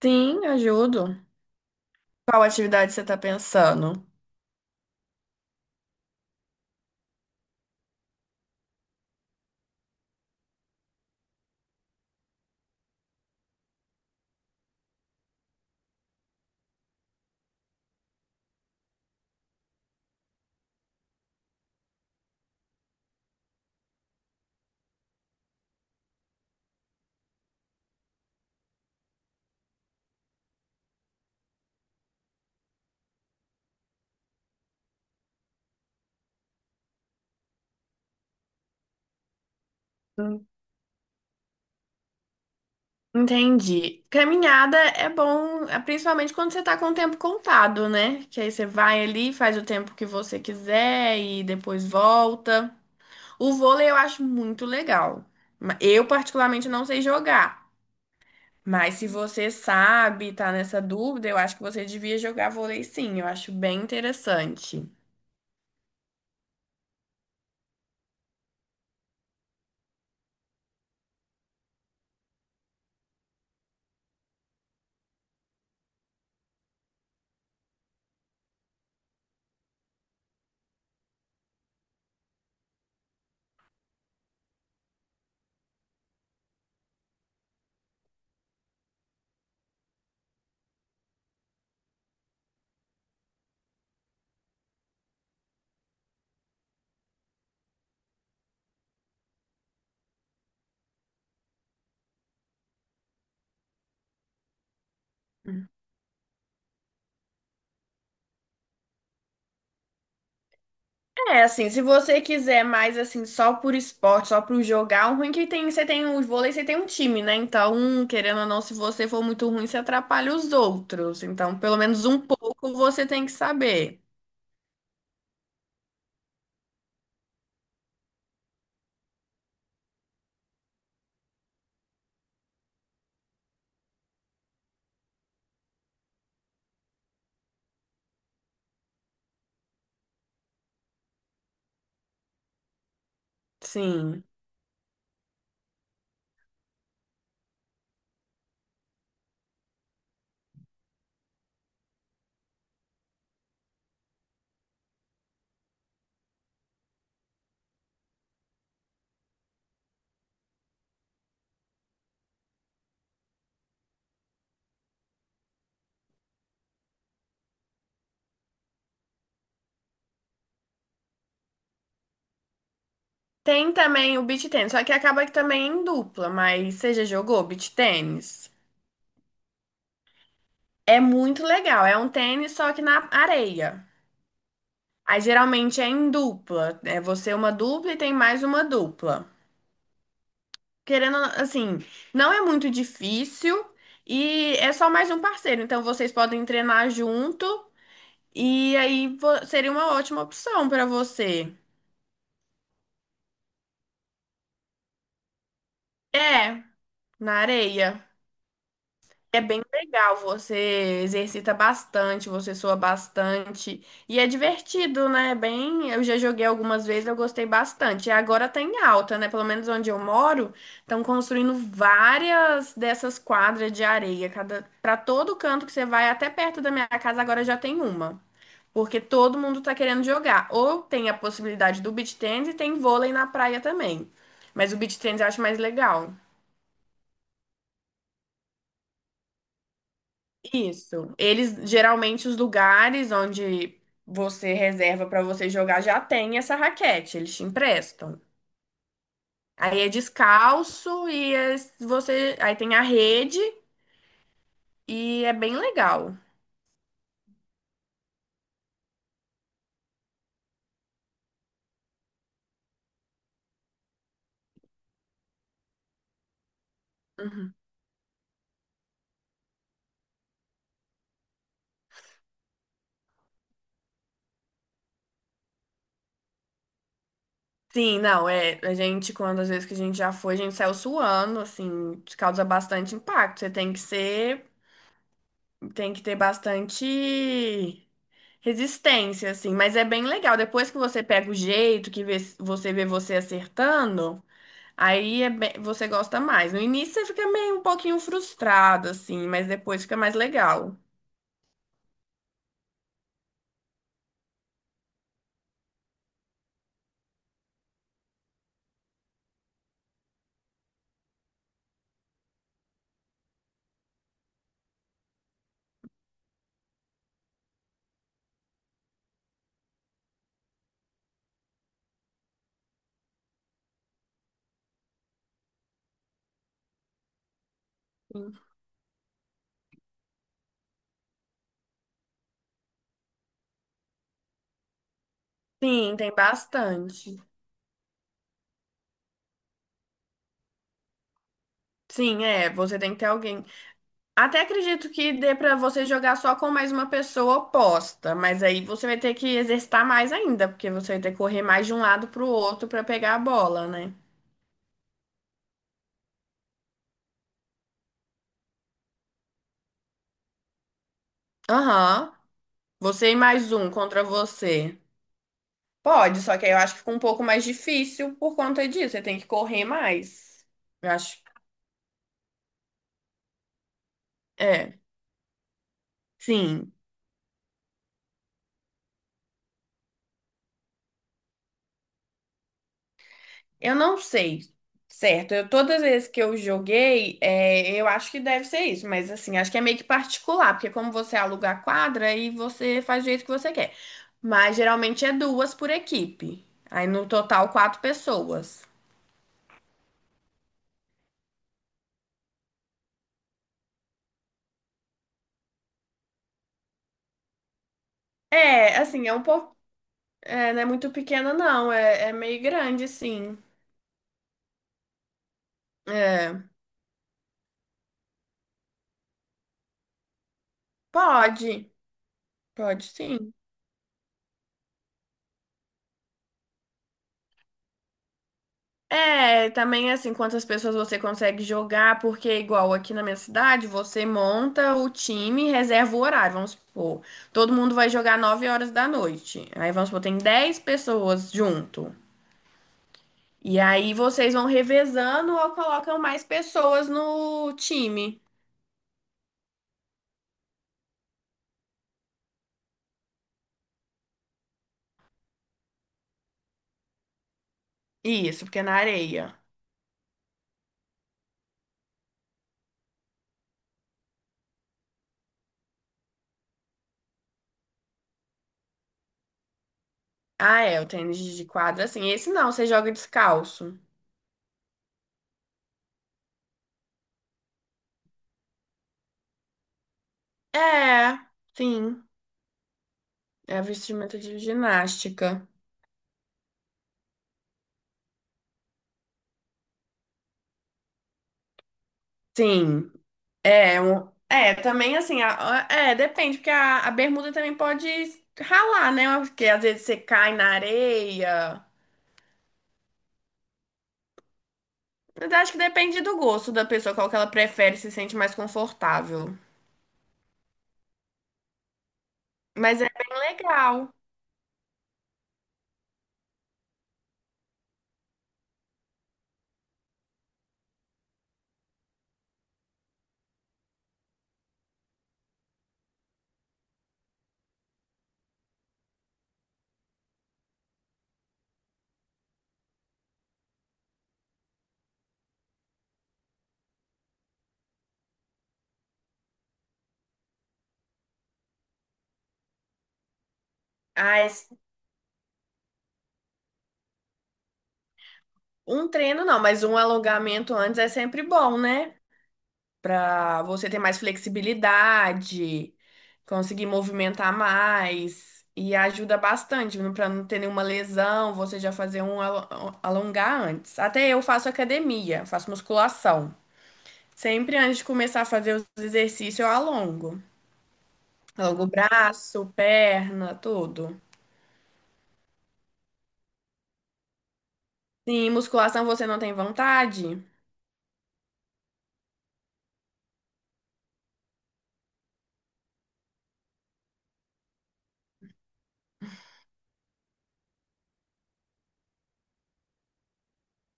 Sim, ajudo. Qual atividade você está pensando? Hum. Entendi. Caminhada é bom, é principalmente quando você está com o tempo contado, né? Que aí você vai ali, faz o tempo que você quiser e depois volta. O vôlei eu acho muito legal. Eu, particularmente, não sei jogar. Mas se você sabe, tá nessa dúvida, eu acho que você devia jogar vôlei sim. Eu acho bem interessante. É, assim, se você quiser mais, assim, só por esporte, só por jogar, o ruim é que tem, você tem o vôlei, você tem um time, né? Então, querendo ou não, se você for muito ruim, você atrapalha os outros. Então, pelo menos um pouco você tem que saber. Sim. Tem também o beach tennis, só que acaba que também é em dupla, mas você já jogou beach tennis? É muito legal, é um tênis só que na areia. Aí geralmente é em dupla, é você uma dupla e tem mais uma dupla. Querendo, assim, não é muito difícil e é só mais um parceiro. Então vocês podem treinar junto e seria uma ótima opção para você. É, na areia. É bem legal, você exercita bastante, você sua bastante e é divertido, né? Bem, eu já joguei algumas vezes, eu gostei bastante. E agora tá em alta, né? Pelo menos onde eu moro, estão construindo várias dessas quadras de areia, cada para todo canto que você vai, até perto da minha casa agora já tem uma, porque todo mundo tá querendo jogar. Ou tem a possibilidade do beach tennis e tem vôlei na praia também. Mas o beach tennis eu acho mais legal. Isso. Eles geralmente os lugares onde você reserva para você jogar já tem essa raquete, eles te emprestam. Aí é descalço e você aí tem a rede e é bem legal. Uhum. Sim, não, é, a gente quando às vezes que a gente já foi, a gente saiu suando, assim, isso causa bastante impacto. Você tem que ser, tem que ter bastante resistência assim, mas é bem legal. Depois que você pega o jeito, que você vê você acertando, aí é você gosta mais. No início você fica meio um pouquinho frustrado, assim, mas depois fica mais legal. Sim. Sim, tem bastante. Sim, é, você tem que ter alguém. Até acredito que dê pra você jogar só com mais uma pessoa oposta, mas aí você vai ter que exercitar mais ainda, porque você vai ter que correr mais de um lado pro outro pra pegar a bola, né? Aham. Você e mais um contra você. Pode, só que aí eu acho que fica um pouco mais difícil por conta disso. Você tem que correr mais. Eu acho. É. Sim, eu não sei, certo? Eu, todas as vezes que eu joguei, é, eu acho que deve ser isso, mas assim, acho que é meio que particular, porque como você aluga a quadra, aí você faz do jeito que você quer. Mas geralmente é duas por equipe, aí no total quatro pessoas. É, assim, é um pouco, é, não é muito pequena não, é, é meio grande, sim. É, pode, pode sim. É, também assim, quantas pessoas você consegue jogar, porque igual aqui na minha cidade, você monta o time, reserva o horário, vamos supor. Todo mundo vai jogar 9 horas da noite. Aí vamos supor, tem 10 pessoas junto. E aí vocês vão revezando ou colocam mais pessoas no time. Isso, porque é na areia. Ah, é, o tênis de quadra, assim. Esse não, você joga descalço. É, sim. É vestimenta de ginástica. Sim. É, é, também assim, é, depende, porque a bermuda também pode ralar, né? Porque às vezes você cai na areia. Mas acho que depende do gosto da pessoa, qual que ela prefere, se sente mais confortável. Mas é bem legal. Ah, um treino não, mas um alongamento antes é sempre bom, né? Para você ter mais flexibilidade, conseguir movimentar mais e ajuda bastante para não ter nenhuma lesão, você já fazer um alongar antes. Até eu faço academia, faço musculação. Sempre antes de começar a fazer os exercícios, eu alongo. Alongo o braço, perna, tudo. Sim, musculação você não tem vontade?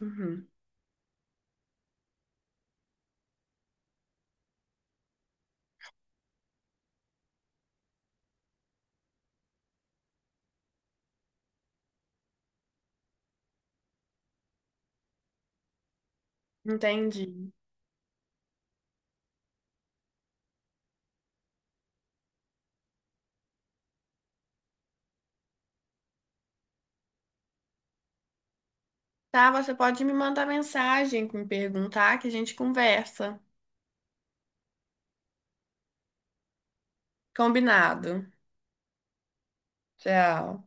Uhum, entendi. Tá, você pode me mandar mensagem, me perguntar que a gente conversa. Combinado. Tchau.